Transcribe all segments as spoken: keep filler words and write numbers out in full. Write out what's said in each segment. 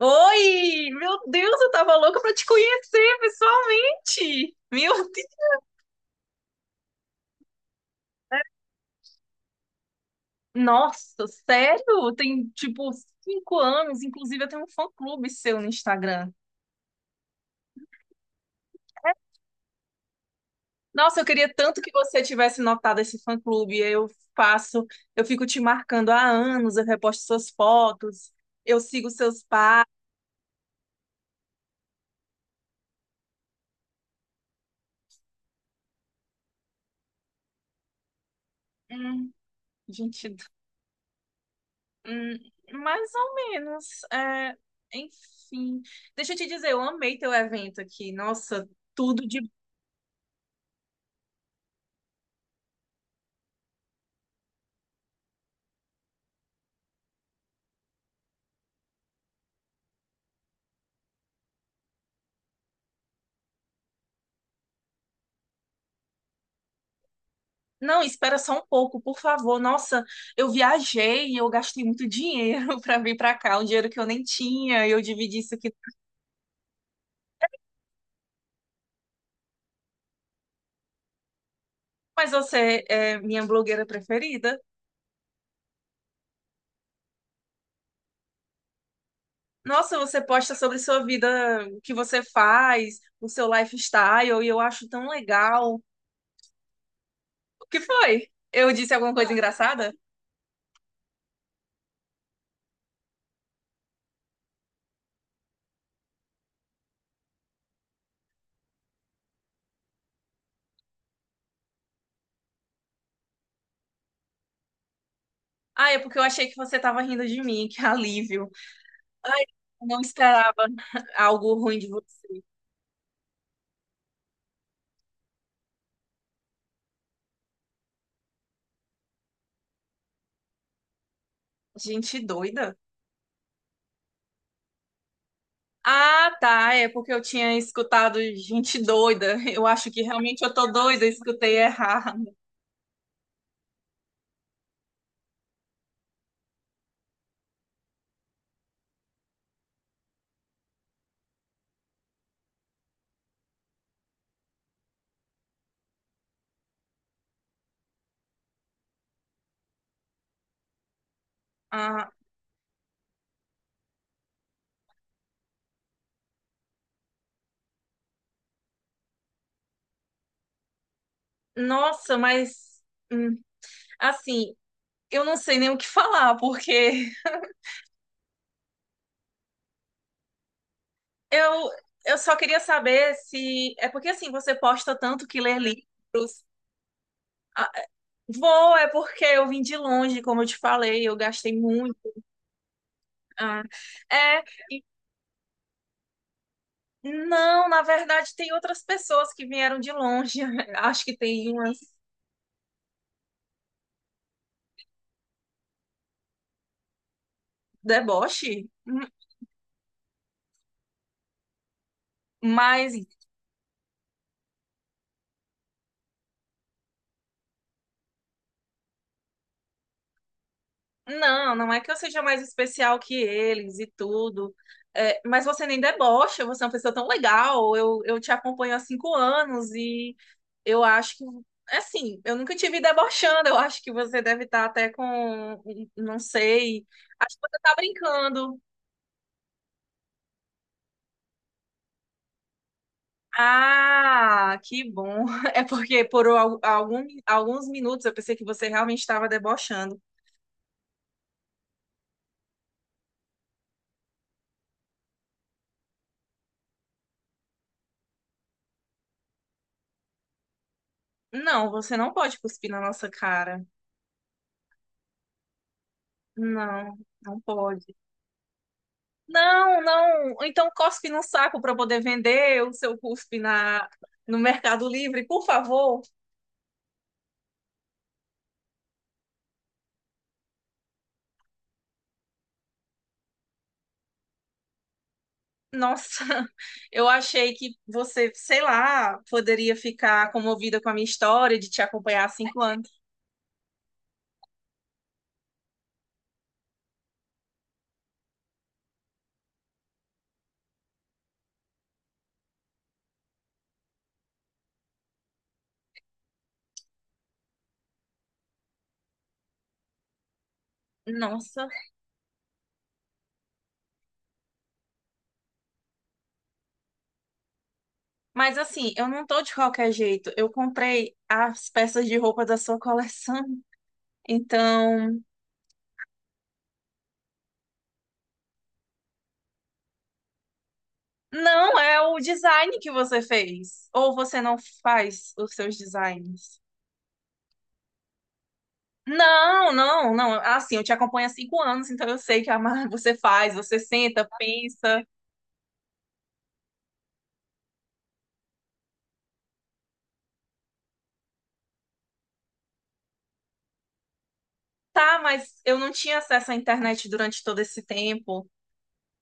Oi! Meu Deus, eu tava louca pra te conhecer pessoalmente! Meu Deus! Nossa, sério? Tem tipo cinco anos, inclusive eu tenho um fã-clube seu no Instagram. Nossa, eu queria tanto que você tivesse notado esse fã-clube. Eu faço, eu fico te marcando há anos, eu reposto suas fotos, eu sigo seus passos. Hum, gente, hum, mais ou menos. É, enfim. Deixa eu te dizer, eu amei teu evento aqui. Nossa, tudo de Não, espera só um pouco, por favor. Nossa, eu viajei e eu gastei muito dinheiro para vir para cá, um dinheiro que eu nem tinha, eu dividi isso aqui. Mas você é minha blogueira preferida. Nossa, você posta sobre sua vida, o que você faz, o seu lifestyle, e eu acho tão legal. O que foi? Eu disse alguma coisa engraçada? Ah, é porque eu achei que você tava rindo de mim, que alívio. Ai, eu não esperava algo ruim de você. Gente doida. Ah, tá. É porque eu tinha escutado gente doida. Eu acho que realmente eu tô doida, eu escutei errado. Ah, nossa, mas hum, assim, eu não sei nem o que falar, porque eu, eu só queria saber se. É porque assim, você posta tanto que lê livros. Ah, vou, é porque eu vim de longe, como eu te falei, eu gastei muito. Ah, é. e- Não, na verdade, tem outras pessoas que vieram de longe. Acho que tem umas. Deboche. Mas não, não é que eu seja mais especial que eles e tudo. É, mas você nem debocha, você é uma pessoa tão legal. Eu, eu te acompanho há cinco anos e eu acho que, assim, eu nunca te vi debochando. Eu acho que você deve estar até com, um, um, não sei, acho que você tá brincando. Ah, que bom. É porque por al- algum, alguns minutos eu pensei que você realmente estava debochando. Não, você não pode cuspir na nossa cara. Não, não pode. Não, não. Então cospe num saco para poder vender o seu cuspe na, no Mercado Livre, por favor. Nossa, eu achei que você, sei lá, poderia ficar comovida com a minha história de te acompanhar há cinco anos. Nossa. Mas assim, eu não tô de qualquer jeito. Eu comprei as peças de roupa da sua coleção. Então, não é o design que você fez. Ou você não faz os seus designs. Não, não, não. Assim, eu te acompanho há cinco anos, então eu sei que a Mar- você faz, você senta, pensa. Tá, mas eu não tinha acesso à internet durante todo esse tempo.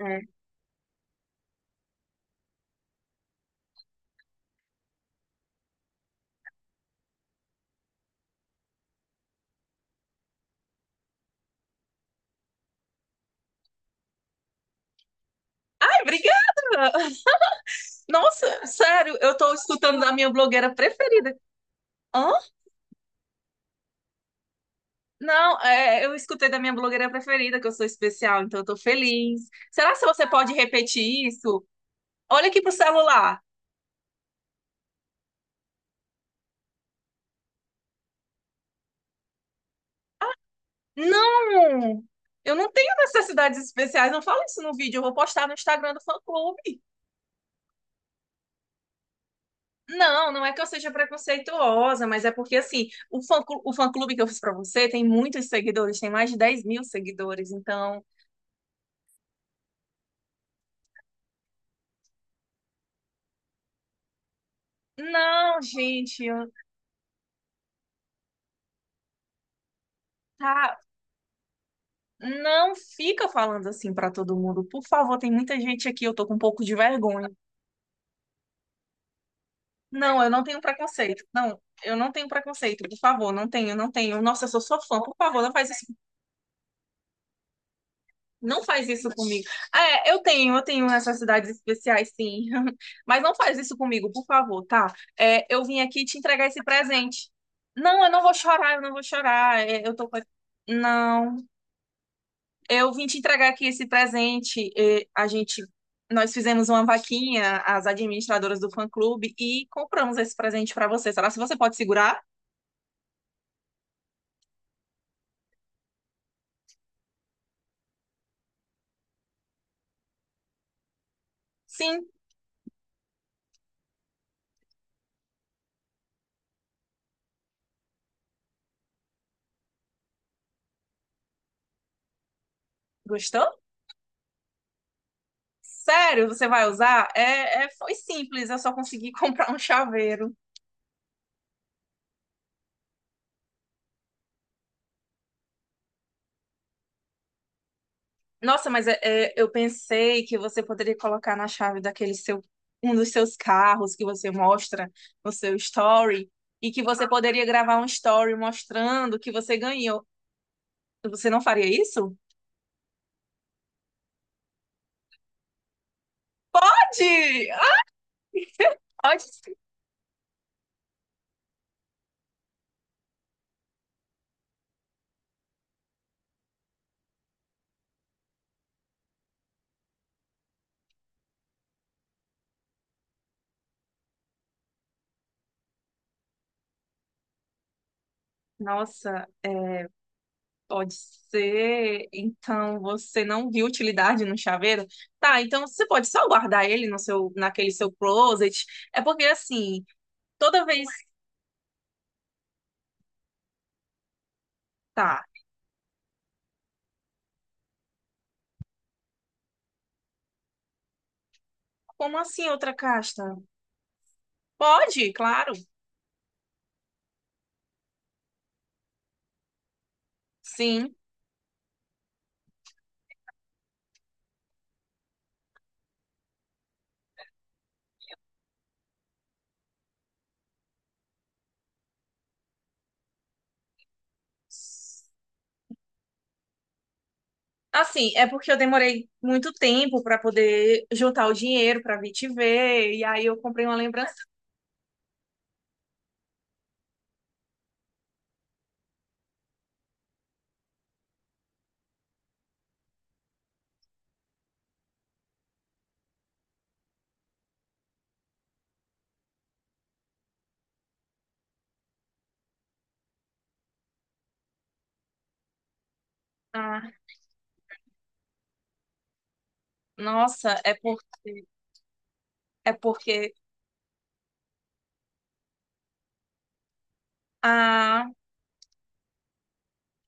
É. Ai, obrigada! Nossa, sério, eu tô escutando da minha blogueira preferida. Hã? Não, é, eu escutei da minha blogueira preferida, que eu sou especial, então eu tô feliz. Será que você pode repetir isso? Olha aqui pro celular. Não! Eu não tenho necessidades especiais, não fala isso no vídeo, eu vou postar no Instagram do fã-clube. Não, não é que eu seja preconceituosa, mas é porque, assim, o fã-clu- o fã-clube que eu fiz pra você tem muitos seguidores, tem mais de dez mil seguidores. Então, não, gente, eu- tá. Não fica falando assim pra todo mundo. Por favor, tem muita gente aqui, eu tô com um pouco de vergonha. Não, eu não tenho preconceito. Não, eu não tenho preconceito. Por favor, não tenho, não tenho. Nossa, eu sou sua fã. Por favor, não faz isso. Não faz isso comigo. É, eu tenho, eu tenho necessidades especiais, sim. Mas não faz isso comigo, por favor, tá? É, eu vim aqui te entregar esse presente. Não, eu não vou chorar, eu não vou chorar. É, eu tô com. Não, eu vim te entregar aqui esse presente. É, a gente, nós fizemos uma vaquinha, as administradoras do fã-clube, e compramos esse presente pra você. Será que você pode segurar? Sim. Gostou? Sério, você vai usar? É, é, foi simples, eu só consegui comprar um chaveiro. Nossa, mas é- é, eu pensei que você poderia colocar na chave daquele seu, um dos seus carros que você mostra no seu story e que você poderia gravar um story mostrando que você ganhou. Você não faria isso? Pode! Ah, Pode ser. Nossa, pode ser. Então você não viu utilidade no chaveiro? Tá, então você pode só guardar ele no seu, naquele seu closet. É porque assim, toda vez. Tá. Como assim outra casta? Pode, claro. Sim. Assim, é porque eu demorei muito tempo para poder juntar o dinheiro para vir te ver, e aí eu comprei uma lembrança. Ah, nossa, é porque é porque ah,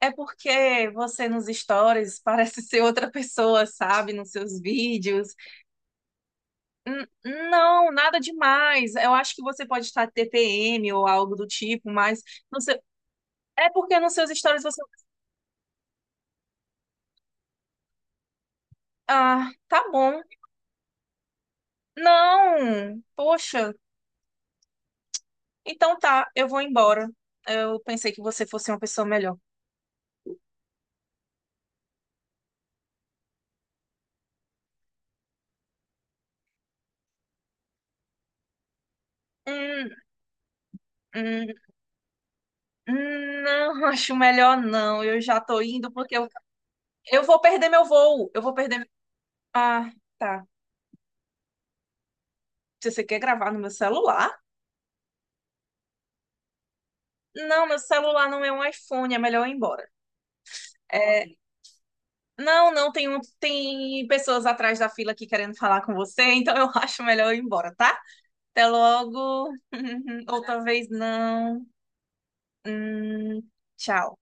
é porque você nos stories parece ser outra pessoa, sabe, nos seus vídeos. N- não, nada demais. Eu acho que você pode estar T P M ou algo do tipo, mas no seu- é porque nos seus stories você. Ah, tá bom. Não, poxa. Então tá, eu vou embora. Eu pensei que você fosse uma pessoa melhor. Hum, hum, hum, não, acho melhor não. Eu já tô indo porque eu, eu vou perder meu voo. Eu vou perder. Ah, tá. Se você quer gravar no meu celular? Não, meu celular não é um iPhone, é melhor eu ir embora. É, não, não, tem, um- tem pessoas atrás da fila aqui querendo falar com você, então eu acho melhor eu ir embora, tá? Até logo. Outra vez não. Hum, tchau.